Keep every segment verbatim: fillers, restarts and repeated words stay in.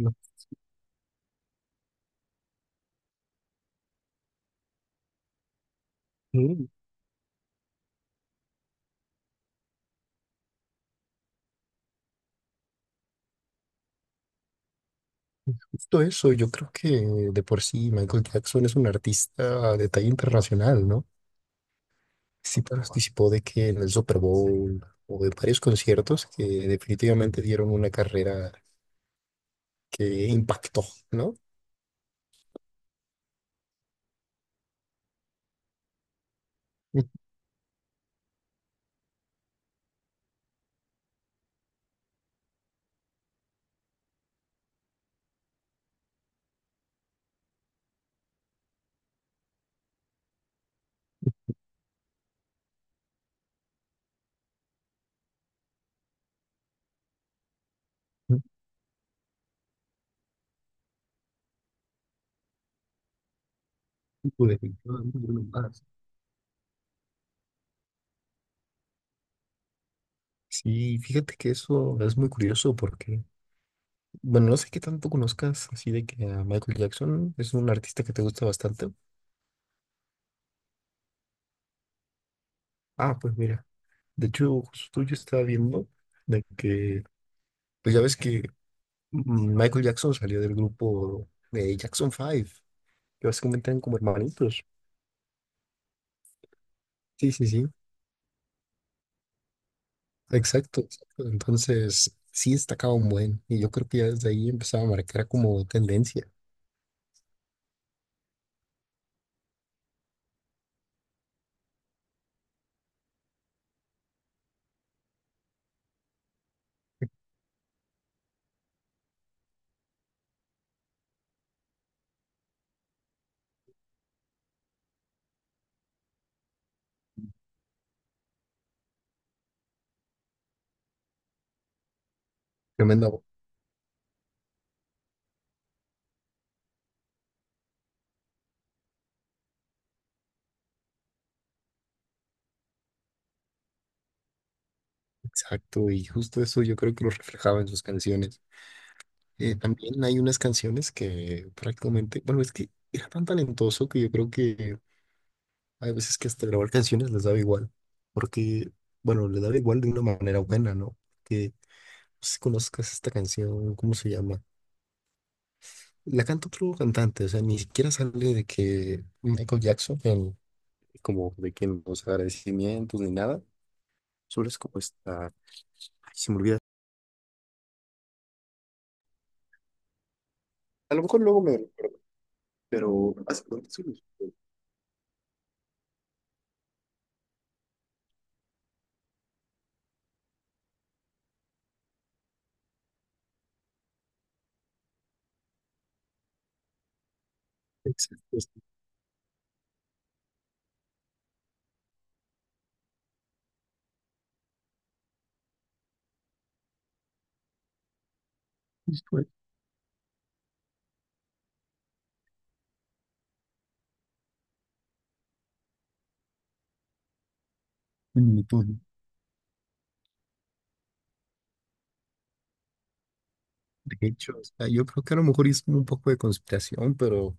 Ok, es justo eso, yo creo que de por sí Michael Jackson es un artista de talla internacional, ¿no? Sí participó de que en el Super Bowl o de varios conciertos que definitivamente dieron una carrera que impactó, ¿no? Ujú. Tipo de- Sí, fíjate que eso es muy curioso porque, bueno, no sé qué tanto conozcas así de que a Michael Jackson es un artista que te gusta bastante. Ah, pues mira, de hecho, justo yo estaba viendo de que... Pues ya ves que mm, Michael Jackson salió del grupo de Jackson Five, que básicamente eran como hermanitos. Sí, sí, sí. Exacto, exacto. Entonces, sí destacaba un buen, y yo creo que ya desde ahí empezaba a marcar como tendencia. Tremenda voz. Exacto, y justo eso yo creo que lo reflejaba en sus canciones. Eh, también hay unas canciones que prácticamente, bueno, es que era tan talentoso que yo creo que hay veces que hasta grabar canciones les daba igual, porque, bueno, les daba igual de una manera buena, ¿no? Que si conozcas esta canción, ¿cómo se llama? La canta otro cantante, o sea, ni siquiera sale de que Michael Jackson, en- como de que en los agradecimientos ni nada, solo es como esta, ay, se me olvida. A lo mejor luego me, pero hace cuánto se me- exacto, es justo en magnitud. De hecho, o sea, yo creo que a lo mejor es como un poco de conspiración, pero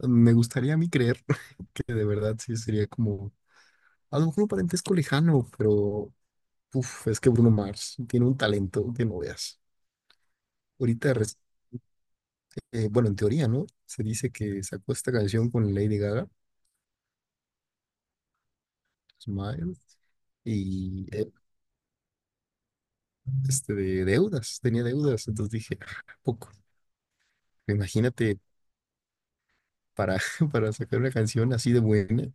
me gustaría a mí creer que de verdad sí sería como, a lo mejor un parentesco lejano, pero... Uf, es que Bruno Mars tiene un talento que no veas. Ahorita, reci- eh, bueno, en teoría, ¿no? Se dice que sacó esta canción con Lady Gaga, Smile, y eh, este de deudas, tenía deudas. Entonces dije: "Ah, poco. Imagínate para, para sacar una canción así de buena,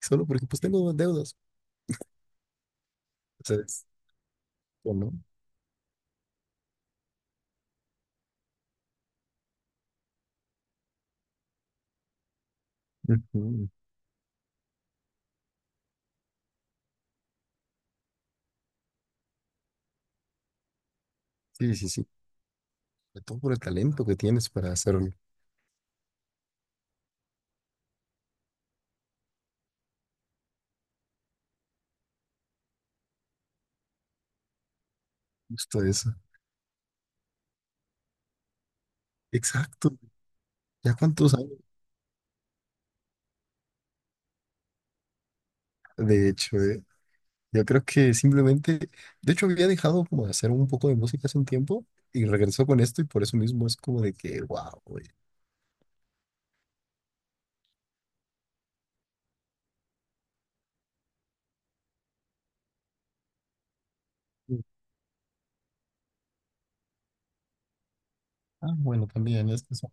solo porque pues tengo deudas". O sea, es- o no. Ujú. Sí, sí, sí. Sobre todo por el talento que tienes para hacerlo. Justo eso. Exacto. ¿Ya cuántos años? De hecho, ¿eh? Yo creo que simplemente, de hecho había dejado como de hacer un poco de música hace un tiempo y regresó con esto y por eso mismo es como de que, wow, güey. Ah, bueno, también, es que son...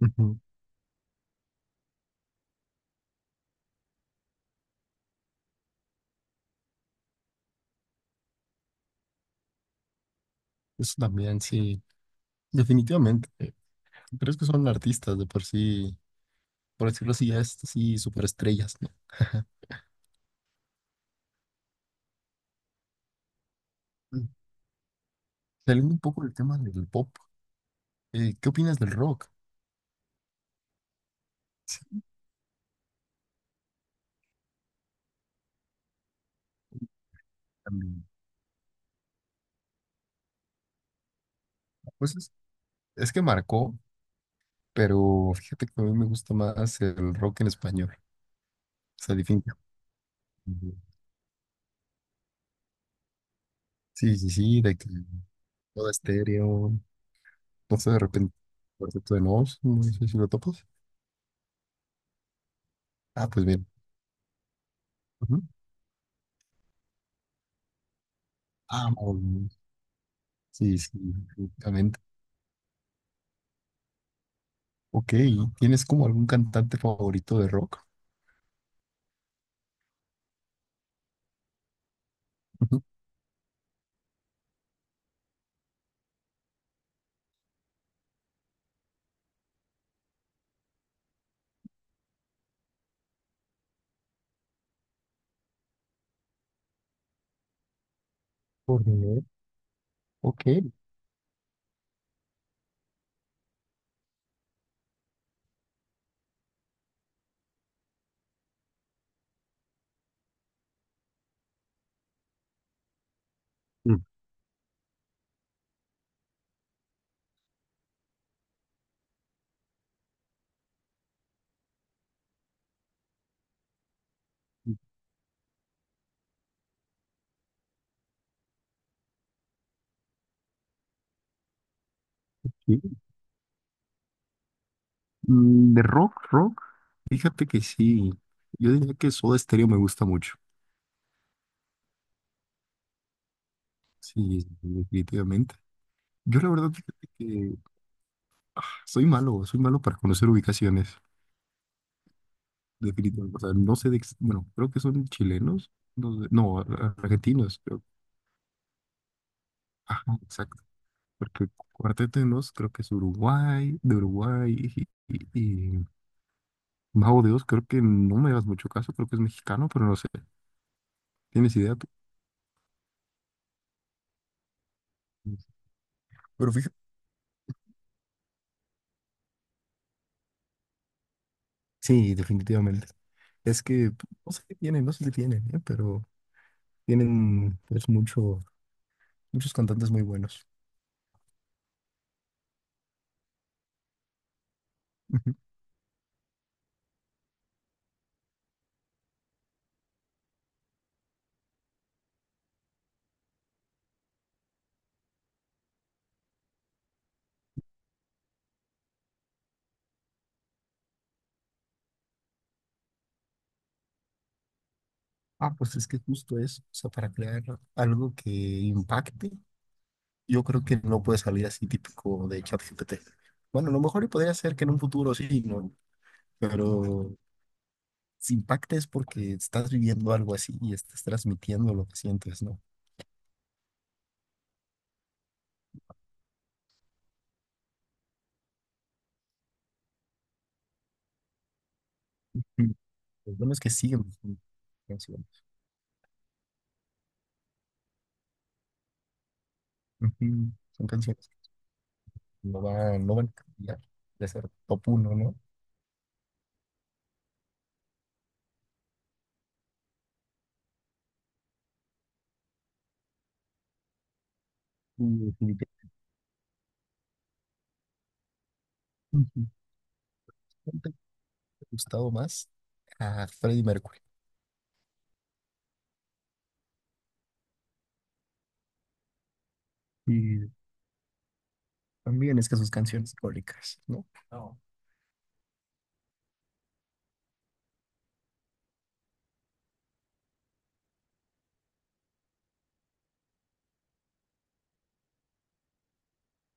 Ujú. Eso también, sí, definitivamente. eh, Pero es que son artistas de por sí, por decirlo así, ya es así superestrellas, ¿no? Mm. Saliendo un poco del tema del pop, eh, ¿qué opinas del rock? Sí, también. Pues es, es que marcó, pero fíjate que a mí me gusta más el rock en español. O sea, definitivamente. Sí, sí, sí, de que Todo Estéreo. No sé, de repente. Cuarteto de Nos, no sé si lo topas. Ah, pues bien. Ujú. Ah, Marilyn. Sí, sí, definitivamente. Ok, ¿tienes como algún cantante favorito de rock? Ujú. Por ver. Ok. Mm, sí. Mm, De rock, rock, fíjate que sí. Yo diría que Soda Stereo me gusta mucho. Sí, sí, definitivamente. Yo la verdad, fíjate que ah, soy malo, soy malo para conocer ubicaciones. Definitivamente. O sea, no sé de, ex- bueno, creo que son chilenos, no, sé- no, ar- argentinos, creo. Ajá, exacto. Porque Cuarteto de Nos creo que es Uruguay, de Uruguay, y, y, y Mago de Oz creo que, no me hagas mucho caso, creo que es mexicano, pero no sé. ¿Tienes idea tú? Pero fíjate. Sí, definitivamente. Es que p- no sé qué tienen, no sé qué tienen, ¿eh? Pero tienen pues mucho, muchos cantantes muy buenos. Ujú. Ah, pues es que justo eso, o sea, para crear algo que impacte yo creo que no puede salir así típico de ChatGPT. Bueno, a lo mejor y podría ser que en un futuro sí, ¿no? Pero si impacta es porque estás viviendo algo así y estás transmitiendo lo que sientes, ¿no? Mm. Lo bueno es que siguen siendo canciones. Ujú. Son canciones que no van, no van a cambiar de ser top uno, ¿no? Y definitivamente. Ujú. Siempre me ha gustado más a Freddie Mercury. Y también es que sus canciones icónicas. ¿No? No.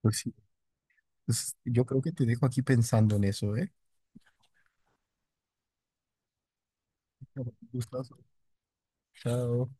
Pues sí, pues yo creo que te dejo aquí pensando en eso, ¿eh? Gustazo. Chao.